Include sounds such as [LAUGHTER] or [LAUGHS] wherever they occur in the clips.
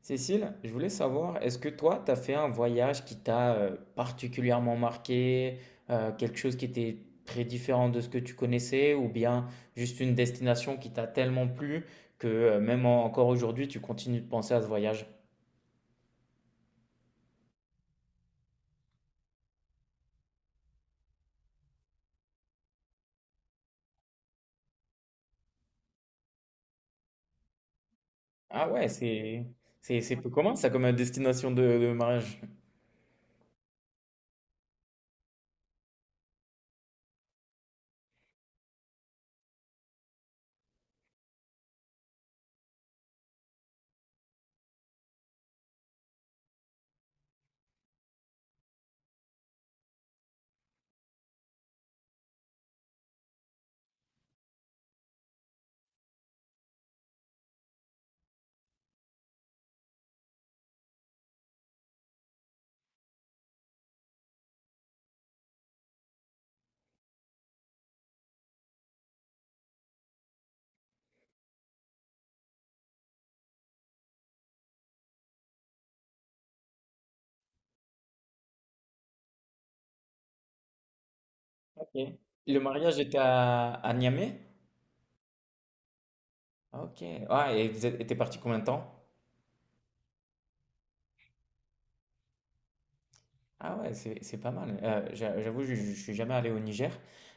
Cécile, je voulais savoir, est-ce que toi, tu as fait un voyage qui t'a particulièrement marqué, quelque chose qui était très différent de ce que tu connaissais, ou bien juste une destination qui t'a tellement plu que même encore aujourd'hui, tu continues de penser à ce voyage? Ah ouais, c'est c'est peu commun ça comme destination de mariage. Ok. Le mariage était à Niamey? Ah, ok. Ah, et t'es parti combien de temps? Ah ouais, c'est pas mal. J'avoue, je suis jamais allé au Niger.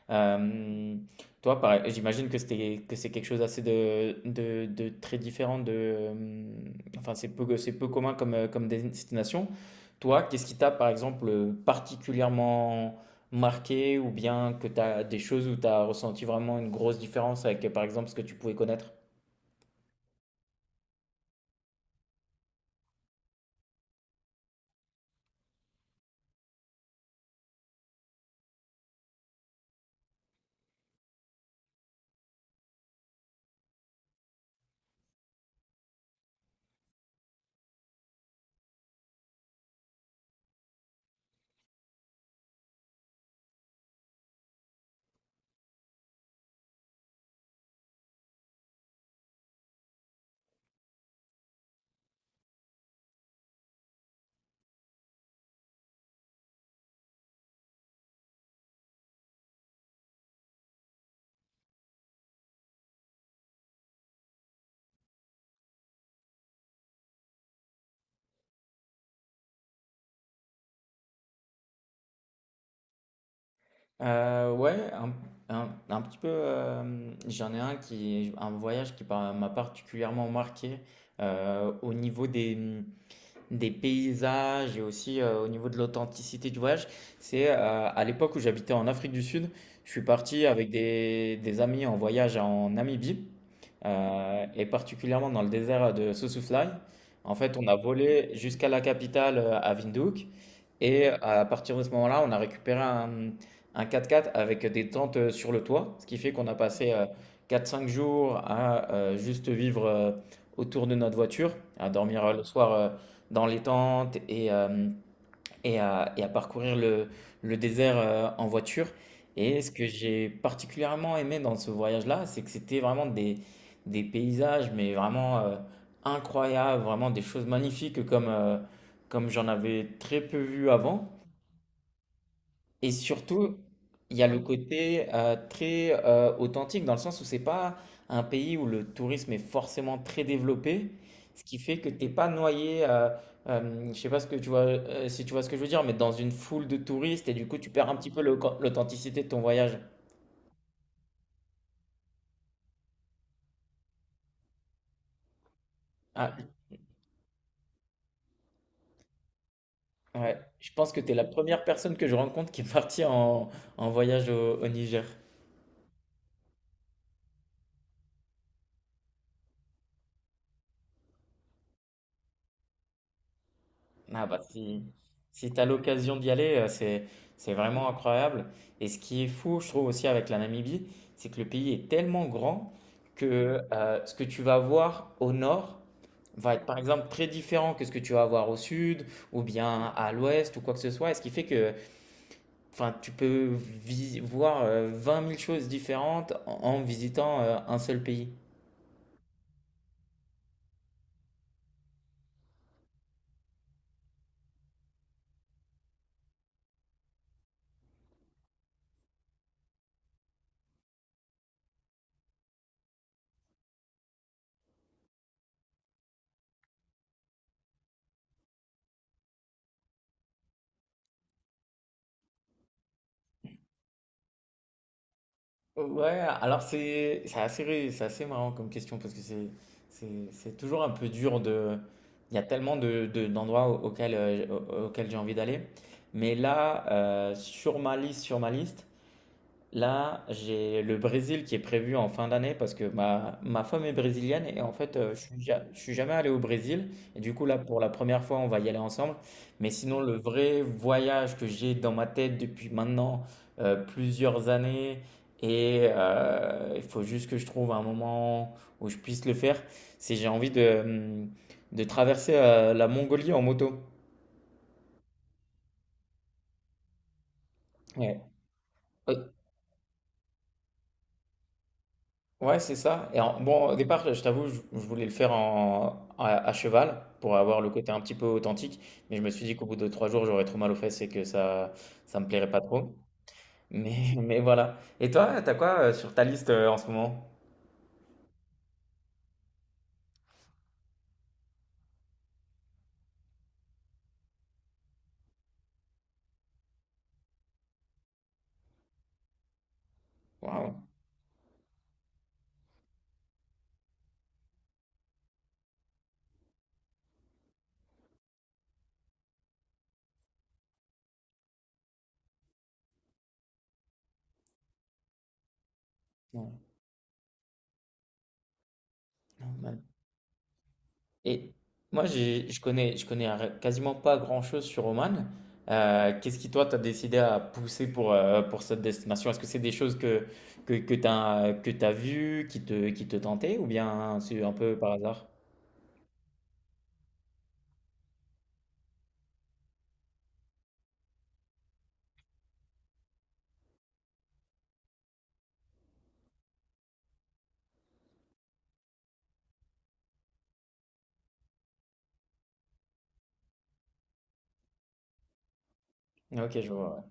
Euh, toi, pareil, j'imagine que c'est quelque chose assez de très différent de. Enfin, c'est peu commun comme comme destination. Toi, qu'est-ce qui t'a par exemple particulièrement marqué ou bien que t'as des choses où t'as ressenti vraiment une grosse différence avec par exemple ce que tu pouvais connaître? Ouais, un petit peu, j'en ai un qui un voyage qui par m'a particulièrement marqué, au niveau des, des paysages et aussi, au niveau de l'authenticité du voyage. C'est, à l'époque où j'habitais en Afrique du Sud, je suis parti avec des amis en voyage en Namibie, heu et particulièrement dans le désert de Sossusvlei. En fait, on a volé jusqu'à la capitale, à Windhoek et à partir de ce moment-là, on a récupéré un 4x4 avec des tentes sur le toit, ce qui fait qu'on a passé 4-5 jours à juste vivre autour de notre voiture, à dormir le soir dans les tentes et à parcourir le désert en voiture. Et ce que j'ai particulièrement aimé dans ce voyage-là, c'est que c'était vraiment des paysages, mais vraiment incroyables, vraiment des choses magnifiques comme, comme j'en avais très peu vu avant. Et surtout, il y a le côté très authentique dans le sens où c'est pas un pays où le tourisme est forcément très développé, ce qui fait que t'es pas noyé. Je sais pas ce que tu vois, si tu vois ce que je veux dire, mais dans une foule de touristes et du coup tu perds un petit peu l'authenticité de ton voyage. Ah, ouais. Je pense que tu es la première personne que je rencontre qui est partie en voyage au Niger. Ah bah si si tu as l'occasion d'y aller, c'est vraiment incroyable. Et ce qui est fou, je trouve aussi avec la Namibie, c'est que le pays est tellement grand que ce que tu vas voir au nord va être par exemple très différent que ce que tu vas voir au sud ou bien à l'ouest ou quoi que ce soit. Et ce qui fait que enfin, tu peux voir 20 000 choses différentes en visitant un seul pays. Ouais, alors c'est assez, c'est assez marrant comme question parce que c'est c'est toujours un peu dur de... Il y a tellement de, d'endroits auxquels, auxquels j'ai envie d'aller. Mais là, sur ma liste, là, j'ai le Brésil qui est prévu en fin d'année parce que ma femme est brésilienne et en fait, je suis, je suis jamais allé au Brésil. Et du coup, là, pour la première fois, on va y aller ensemble. Mais sinon, le vrai voyage que j'ai dans ma tête depuis maintenant plusieurs années et il faut juste que je trouve un moment où je puisse le faire, c'est j'ai envie de traverser la Mongolie en moto. Ouais. Ouais, c'est ça. Et en- bon, au départ, je t'avoue, je voulais le faire en, à cheval pour avoir le côté un petit peu authentique, mais je me suis dit qu'au bout de 3 jours, j'aurais trop mal aux fesses et que ça me plairait pas trop. Mais, [LAUGHS] mais voilà. Et toi, t'as quoi sur ta liste en ce moment? Waouh. Ouais. Et moi, je connais quasiment pas grand-chose sur Oman. Qu'est-ce qui, toi, t'as décidé à pousser pour cette destination? Est-ce que c'est des choses que, que t'as vues, qui te tentaient, ou bien c'est un peu par hasard? Ok, je vois.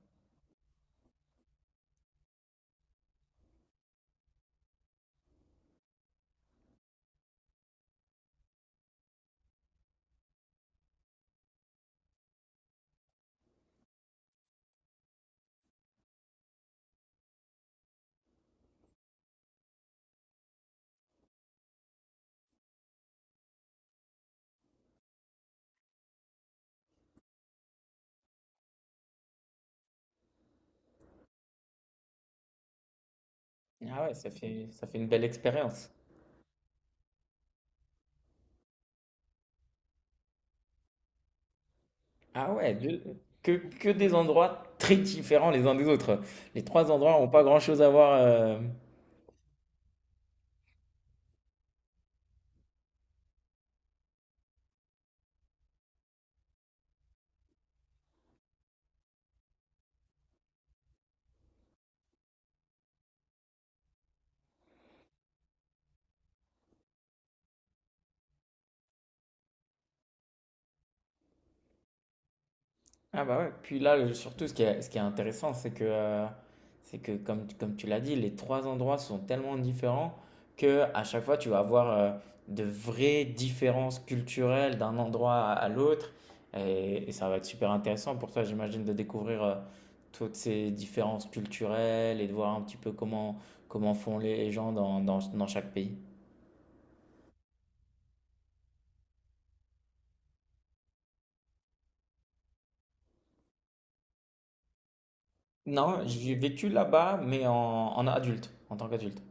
Ouais. Ah ouais, ça fait une belle expérience. Ah ouais, que, que des endroits très différents les uns des autres. Les trois endroits n'ont pas grand-chose à voir. Ah bah ouais, puis là, surtout, ce qui est intéressant, c'est que comme, comme tu l'as dit, les trois endroits sont tellement différents que à chaque fois, tu vas avoir de vraies différences culturelles d'un endroit à l'autre. Et ça va être super intéressant pour toi, j'imagine, de découvrir toutes ces différences culturelles et de voir un petit peu comment, comment font les gens dans, dans, dans chaque pays. Non, j'ai vécu là-bas, mais en, en adulte, en tant qu'adulte.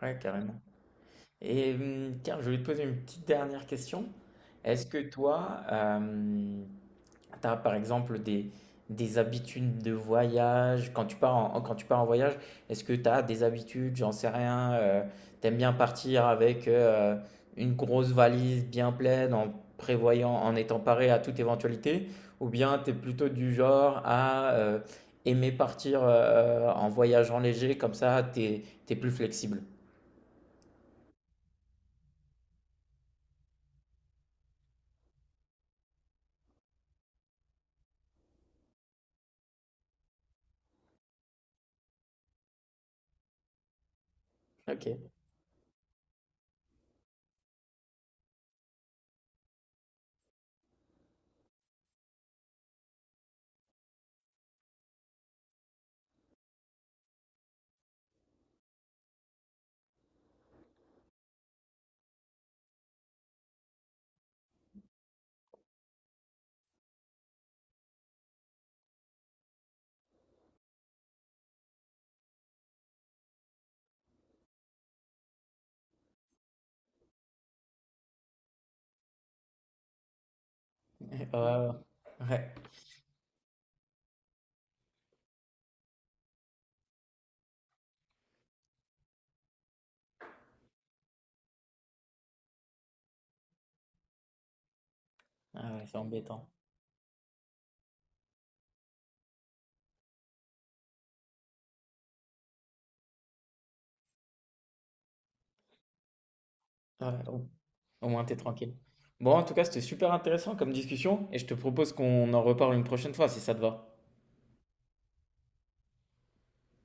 Ouais, carrément. Et tiens, je voulais te poser une petite dernière question. Est-ce que toi, tu as par exemple des habitudes de voyage? Quand tu pars en, quand tu pars en voyage, est-ce que tu as des habitudes, j'en sais rien, t'aimes bien partir avec une grosse valise bien pleine en prévoyant, en étant paré à toute éventualité? Ou bien tu es plutôt du genre à aimer partir en voyageant léger, comme ça, tu es plus flexible? Ok. Ouais, ouais, ouais. Ouais. Ah ouais, c'est embêtant. Ah ouais, au, au moins, t'es tranquille. Bon, en tout cas, c'était super intéressant comme discussion et je te propose qu'on en reparle une prochaine fois si ça te va.